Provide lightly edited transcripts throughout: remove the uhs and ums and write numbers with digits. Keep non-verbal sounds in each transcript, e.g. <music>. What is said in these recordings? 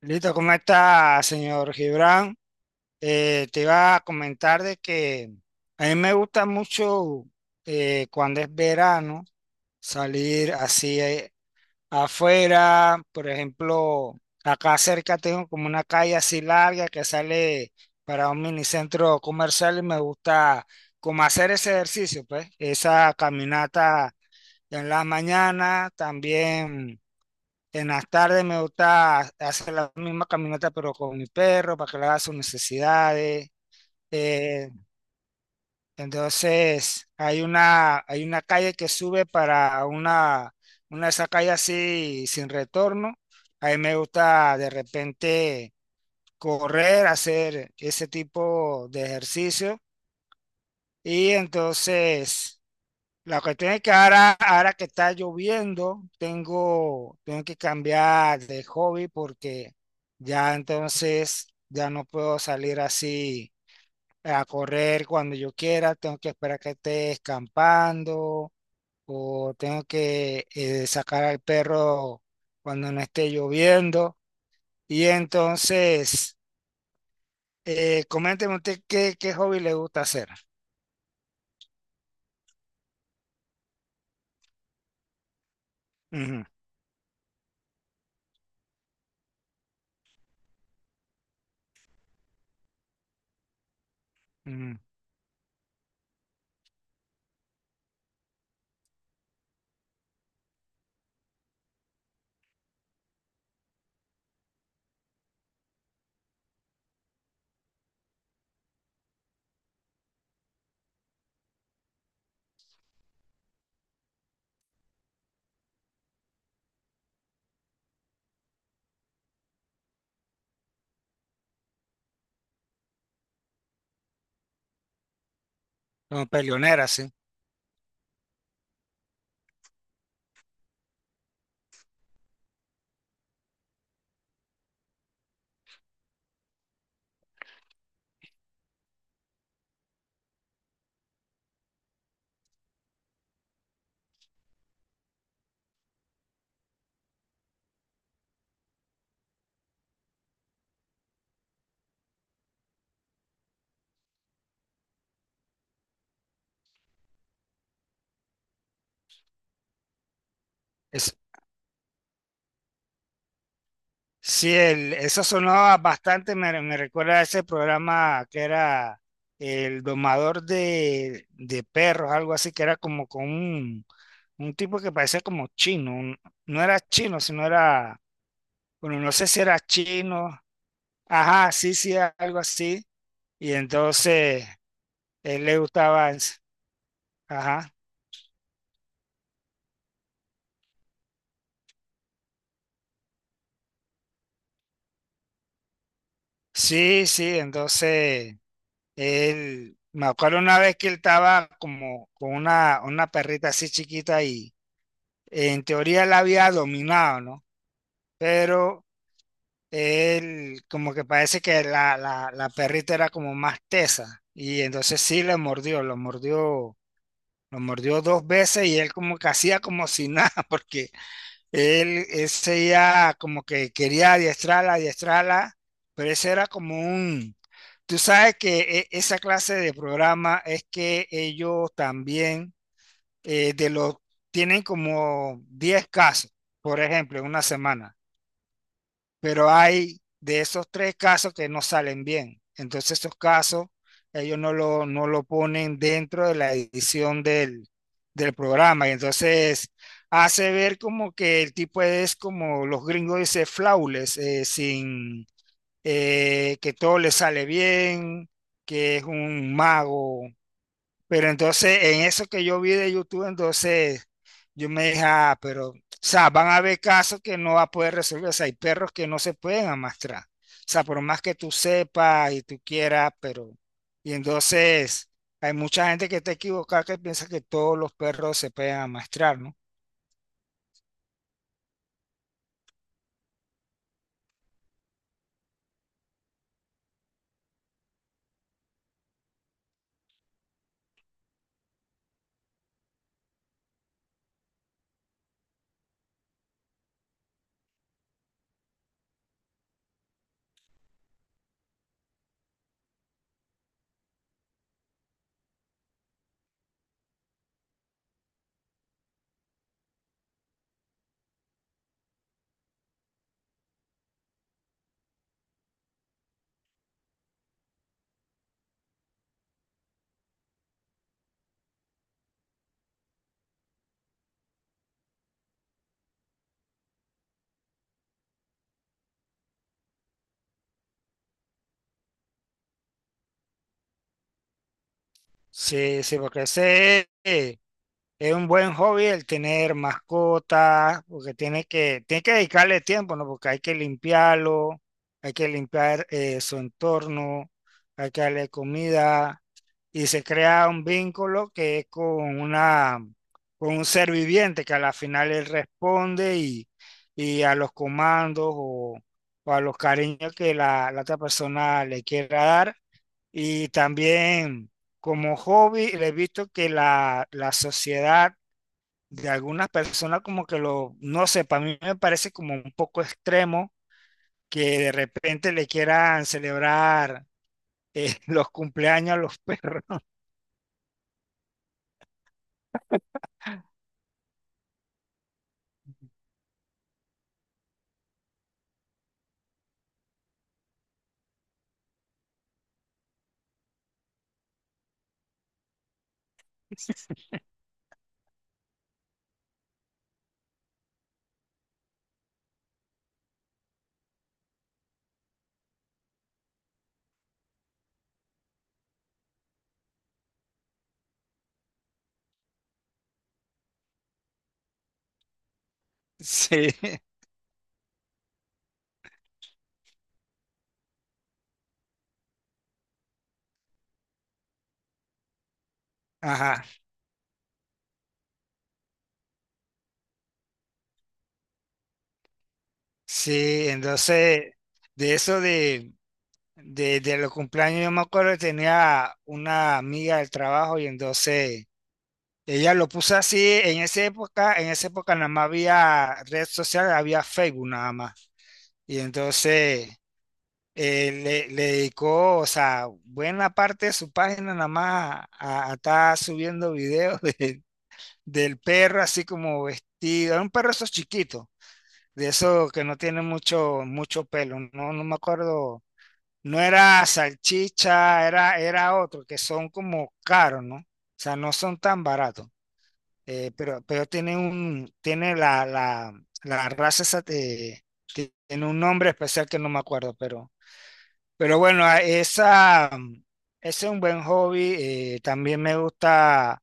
Listo, ¿cómo está, señor Gibran? Te iba a comentar de que a mí me gusta mucho, cuando es verano, salir así, afuera. Por ejemplo, acá cerca tengo como una calle así larga que sale para un minicentro comercial y me gusta como hacer ese ejercicio, pues, esa caminata en la mañana, también. En las tardes me gusta hacer la misma caminata, pero con mi perro, para que le haga sus necesidades. Eh, entonces, hay una calle que sube para una de esas calles así sin retorno. A mí me gusta de repente correr, hacer ese tipo de ejercicio. Y entonces, la cuestión es que ahora que está lloviendo, tengo que cambiar de hobby porque ya entonces ya no puedo salir así a correr cuando yo quiera, tengo que esperar que esté escampando o tengo que, sacar al perro cuando no esté lloviendo. Y entonces, coménteme usted qué hobby le gusta hacer. Ujú, ujú. Como peleonera, sí. Sí, eso sonaba bastante, me recuerda a ese programa que era el domador de perros, algo así, que era como con un tipo que parecía como chino. No era chino, sino era, bueno, no sé si era chino. Ajá, sí, sí, algo así, y entonces él le gustaba, ens- ajá, sí, sí, entonces él, me acuerdo una vez que él estaba como con una perrita así chiquita y en teoría él había dominado, ¿no? Pero él como que parece que la perrita era como más tesa y entonces sí le mordió, lo mordió dos veces y él como que hacía como si nada, <laughs> porque él seguía como que quería adiestrarla, pero ese era como un... Tú sabes que esa clase de programa es que ellos también, eh, de los, tienen como 10 casos, por ejemplo, en una semana, pero hay de esos tres casos que no salen bien. Entonces esos casos ellos no lo ponen dentro de la edición del programa. Y entonces hace ver como que el tipo es, como los gringos dicen, flawless, sin que todo le sale bien, que es un mago. Pero entonces, en eso que yo vi de YouTube, entonces yo me dije, ah, pero, o sea, van a haber casos que no va a poder resolver. O sea, hay perros que no se pueden amastrar. O sea, por más que tú sepas y tú quieras, pero. Y entonces, hay mucha gente que está equivocada que piensa que todos los perros se pueden amastrar, ¿no? Sí, sí, porque ese es. Es un buen hobby el tener mascotas, porque tiene que dedicarle tiempo, ¿no? Porque hay que limpiarlo, hay que limpiar, su entorno, hay que darle comida y se crea un vínculo que es con una, con un ser viviente que a la final él responde y a los comandos o a los cariños que la otra persona le quiera dar. Y también como hobby, le he visto que la sociedad de algunas personas como que lo, no sé, para mí me parece como un poco extremo que de repente le quieran celebrar, <laughs> los cumpleaños a los perros. <laughs> Sí, ajá, sí, entonces de de los cumpleaños yo me acuerdo que tenía una amiga del trabajo y entonces ella lo puso así en esa época. En esa época nada más había red social, había Facebook nada más. Y entonces, le dedicó, o sea, buena parte de su página nada más a estar subiendo videos <laughs> del perro así como vestido. Era un perro esos chiquitos, de esos que no tiene mucho, mucho pelo. No, no me acuerdo. No era salchicha, era, era otro, que son como caros, ¿no? O sea, no son tan baratos. Pero tiene un, tiene la raza esa. Eh, tiene un nombre especial que no me acuerdo, pero bueno, ese es un buen hobby. También me gusta,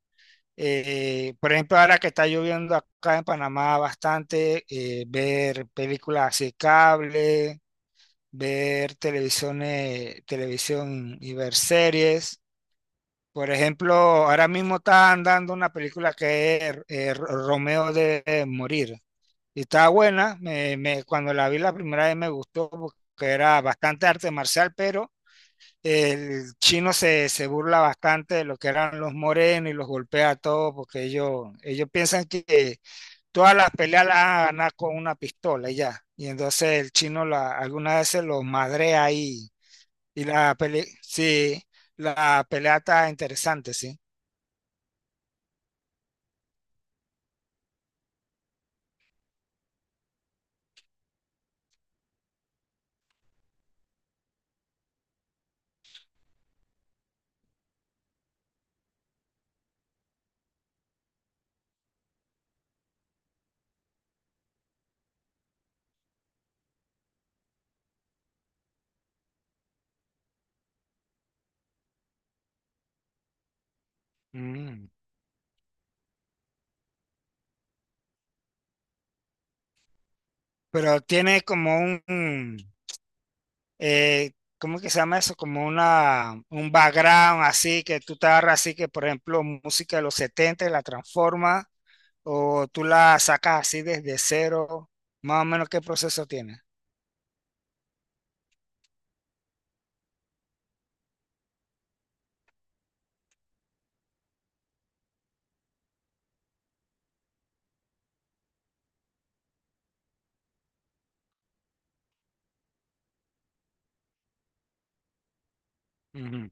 por ejemplo, ahora que está lloviendo acá en Panamá bastante, ver películas así cable, ver televisión y ver series. Por ejemplo, ahora mismo está andando una película que es, Romeo de morir. Y está buena. Cuando la vi la primera vez me gustó porque era bastante arte marcial, pero el chino se burla bastante de lo que eran los morenos y los golpea a todos porque ellos piensan que todas las peleas las van a ganar con una pistola y ya. Y entonces el chino la, algunas veces los madrea ahí. Y la pelea, sí, la pelea está interesante, sí. Mm. Pero tiene como un, ¿cómo que se llama eso? Como una, un background así que tú te agarras así que, por ejemplo, música de los 70 y la transforma, o tú la sacas así desde cero, más o menos qué proceso tiene. Ujú.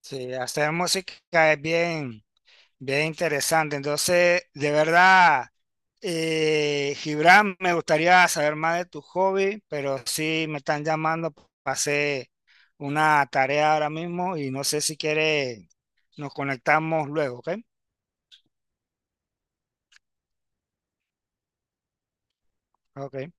Sí, hacer música es bien, bien interesante. Entonces, de verdad, Gibran, me gustaría saber más de tu hobby, pero sí me están llamando para hacer una tarea ahora mismo y no sé si quieres, nos conectamos luego, ¿ok? Ok.